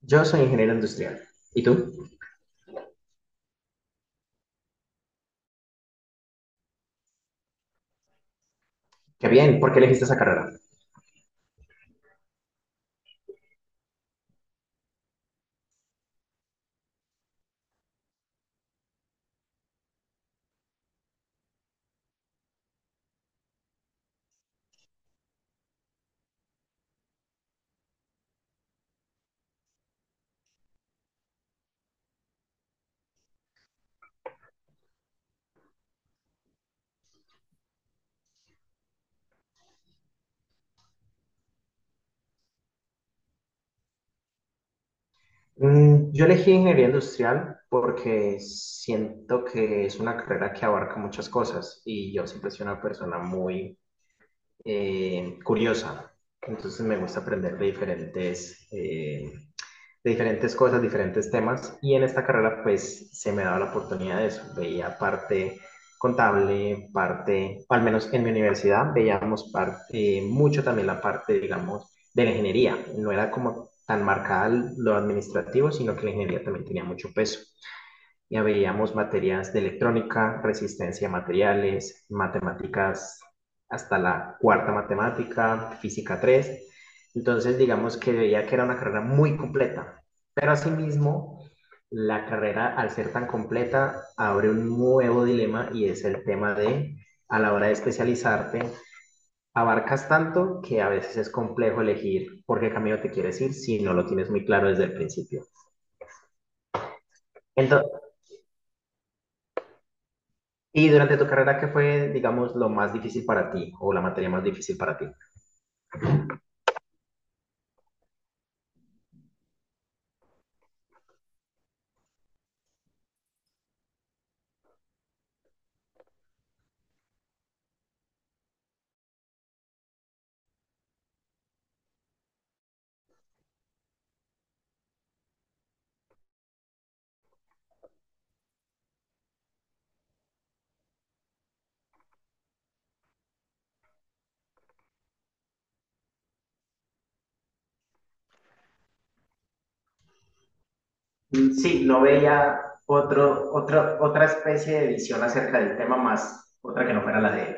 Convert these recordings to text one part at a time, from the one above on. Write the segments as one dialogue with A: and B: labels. A: Yo soy ingeniero industrial. ¿Y tú? Qué bien, ¿por qué elegiste esa carrera? Mm, yo elegí ingeniería industrial porque siento que es una carrera que abarca muchas cosas y yo siempre soy una persona muy curiosa. Entonces me gusta aprender de diferentes cosas, diferentes temas, y en esta carrera pues se me daba la oportunidad de eso, veía parte contable, parte, al menos en mi universidad, veíamos parte, mucho también la parte, digamos, de la ingeniería, no era como tan marcada lo administrativo, sino que la ingeniería también tenía mucho peso. Ya veíamos materias de electrónica, resistencia a materiales, matemáticas hasta la cuarta matemática, física tres. Entonces, digamos que veía que era una carrera muy completa, pero asimismo, la carrera al ser tan completa abre un nuevo dilema y es el tema de, a la hora de especializarte, abarcas tanto que a veces es complejo elegir por qué camino te quieres ir si no lo tienes muy claro desde el principio. Entonces, y durante tu carrera, ¿qué fue, digamos, lo más difícil para ti o la materia más difícil para ti? Mm, sí, no veía otro otra especie de visión acerca del tema más, otra que no fuera la de él.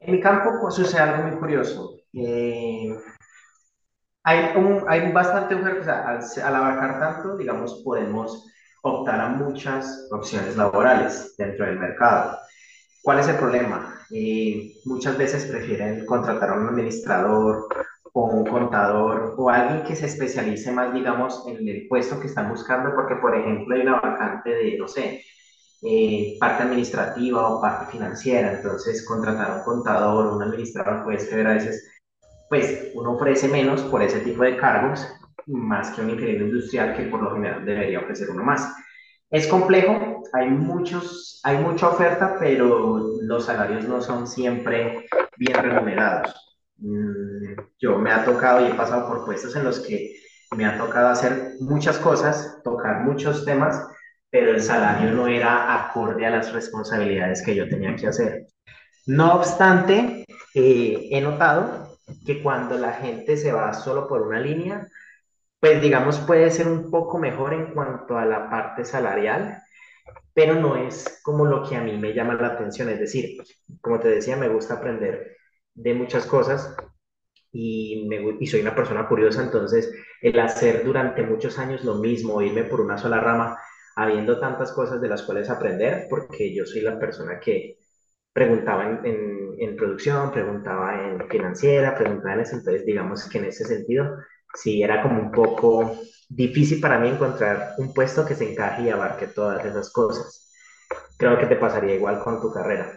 A: En mi campo pues, sucede algo muy curioso. Hay, un, hay bastante oferta, o sea, al abarcar tanto, digamos, podemos optar a muchas opciones laborales dentro del mercado. ¿Cuál es el problema? Muchas veces prefieren contratar a un administrador o un contador o alguien que se especialice más, digamos, en el puesto que están buscando, porque, por ejemplo, hay una vacante de, no sé, parte administrativa o parte financiera, entonces contratar a un contador o un administrador puede ser a veces pues uno ofrece menos por ese tipo de cargos, más que un ingeniero industrial que por lo general debería ofrecer uno más. Es complejo, hay, muchos, hay mucha oferta, pero los salarios no son siempre bien remunerados. Mm, yo me ha tocado y he pasado por puestos en los que me ha tocado hacer muchas cosas, tocar muchos temas, pero el salario no era acorde a las responsabilidades que yo tenía que hacer. No obstante, he notado que cuando la gente se va solo por una línea, pues digamos puede ser un poco mejor en cuanto a la parte salarial, pero no es como lo que a mí me llama la atención. Es decir, como te decía, me gusta aprender de muchas cosas y, me, y soy una persona curiosa, entonces el hacer durante muchos años lo mismo, irme por una sola rama, habiendo tantas cosas de las cuales aprender, porque yo soy la persona que preguntaba en, en producción, preguntaba en financiera, preguntaba en eso, entonces digamos que en ese sentido sí era como un poco difícil para mí encontrar un puesto que se encaje y abarque todas esas cosas. Creo que te pasaría igual con tu carrera.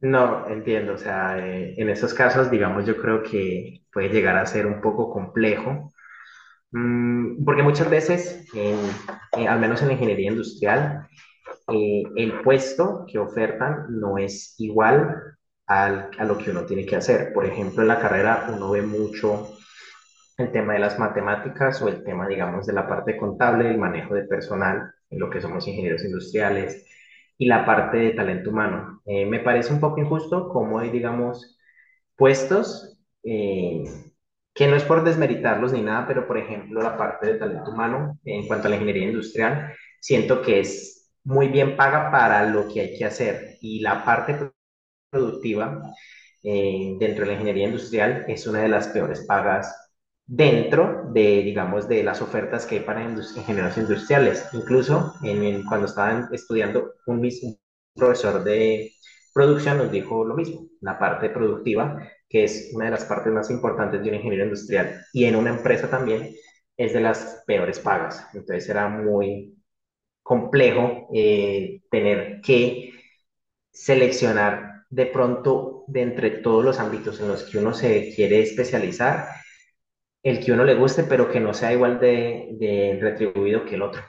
A: No, entiendo, o sea, en esos casos, digamos, yo creo que puede llegar a ser un poco complejo. Mm, porque muchas veces, al menos en la ingeniería industrial, el puesto que ofertan no es igual al, a lo que uno tiene que hacer. Por ejemplo, en la carrera uno ve mucho el tema de las matemáticas o el tema, digamos, de la parte contable, el manejo de personal, en lo que somos ingenieros industriales, y la parte de talento humano. Me parece un poco injusto cómo hoy digamos, puestos, eh, que no es por desmeritarlos ni nada, pero por ejemplo la parte de talento humano en cuanto a la ingeniería industrial, siento que es muy bien paga para lo que hay que hacer y la parte productiva dentro de la ingeniería industrial es una de las peores pagas dentro de, digamos, de las ofertas que hay para ingenieros industriales. Incluso en cuando estaban estudiando, un mismo profesor de producción nos dijo lo mismo, la parte productiva, que es una de las partes más importantes de un ingeniero industrial y en una empresa también es de las peores pagas. Entonces era muy complejo tener que seleccionar de pronto de entre todos los ámbitos en los que uno se quiere especializar, el que uno le guste, pero que no sea igual de retribuido que el otro.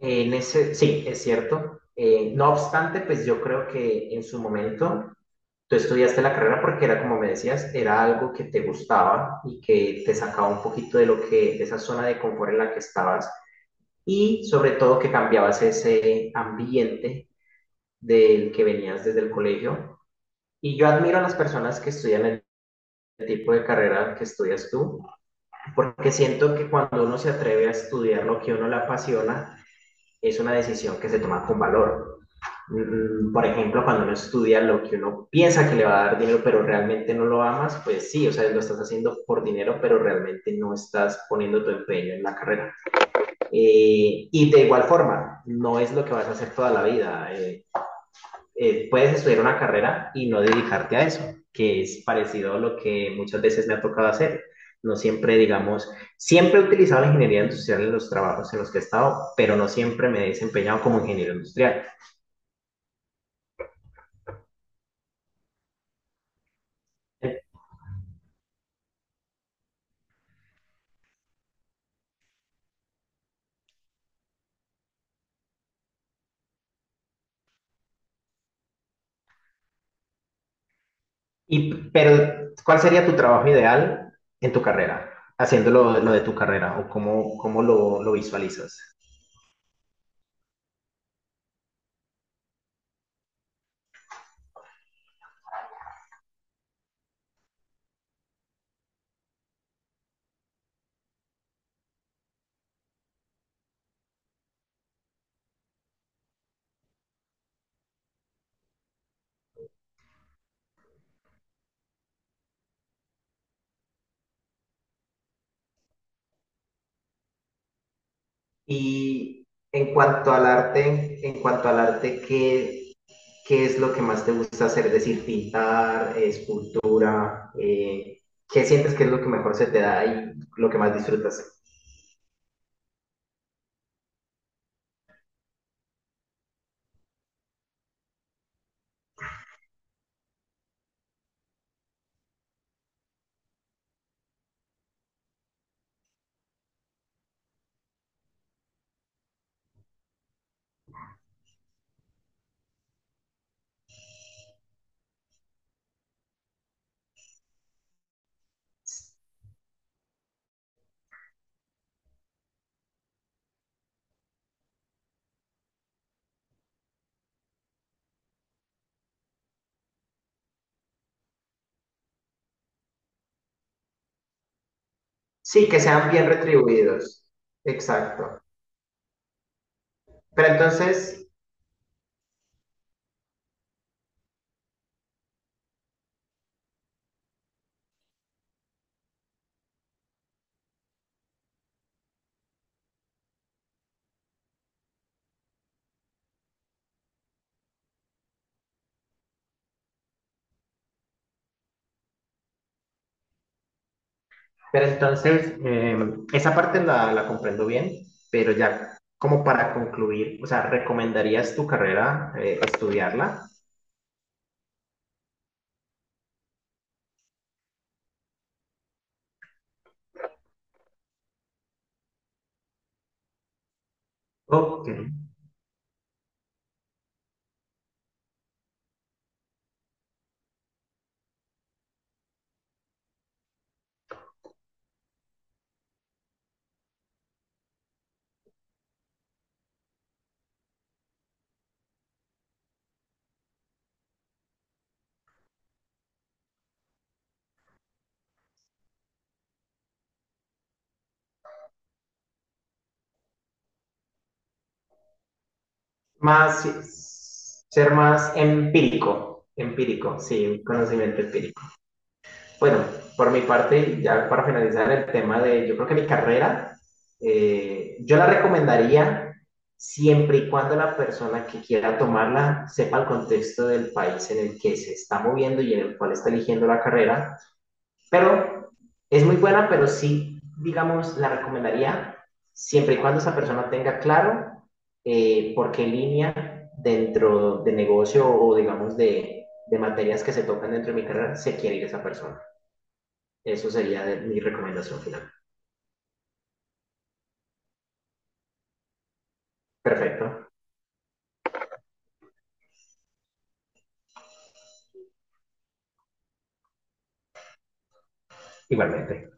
A: En ese, sí, es cierto. No obstante, pues yo creo que en su momento tú estudiaste la carrera porque era, como me decías, era algo que te gustaba y que te sacaba un poquito de lo que, de esa zona de confort en la que estabas y sobre todo que cambiabas ese ambiente del que venías desde el colegio. Y yo admiro a las personas que estudian el tipo de carrera que estudias tú, porque siento que cuando uno se atreve a estudiar lo que a uno le apasiona, es una decisión que se toma con valor. Mm, por ejemplo, cuando uno estudia lo que uno piensa que le va a dar dinero, pero realmente no lo amas, pues sí, o sea, lo estás haciendo por dinero, pero realmente no estás poniendo tu empeño en la carrera. Y de igual forma, no es lo que vas a hacer toda la vida. Puedes estudiar una carrera y no dedicarte a eso, que es parecido a lo que muchas veces me ha tocado hacer. No siempre, digamos, siempre he utilizado la ingeniería industrial en los trabajos en los que he estado, pero no siempre me he desempeñado como ingeniero industrial. Y, pero, ¿cuál sería tu trabajo ideal en tu carrera? Haciendo lo de tu carrera o cómo, cómo lo visualizas. Y en cuanto al arte, en cuanto al arte, ¿qué, ¿qué es lo que más te gusta hacer? Es decir, pintar, escultura, ¿qué sientes que es lo que mejor se te da y lo que más disfrutas? Sí, que sean bien retribuidos. Exacto. Pero entonces, pero entonces esa parte la, la comprendo bien, pero ya como para concluir, o sea, ¿recomendarías tu carrera estudiarla? Ok. Más, ser más empírico, empírico, sí, conocimiento empírico. Bueno, por mi parte, ya para finalizar el tema de, yo creo que mi carrera, yo la recomendaría siempre y cuando la persona que quiera tomarla sepa el contexto del país en el que se está moviendo y en el cual está eligiendo la carrera. Pero es muy buena, pero sí, digamos, la recomendaría siempre y cuando esa persona tenga claro por qué línea dentro de negocio o, digamos, de materias que se tocan dentro de mi carrera se quiere ir esa persona. Eso sería mi recomendación final. Perfecto, igualmente.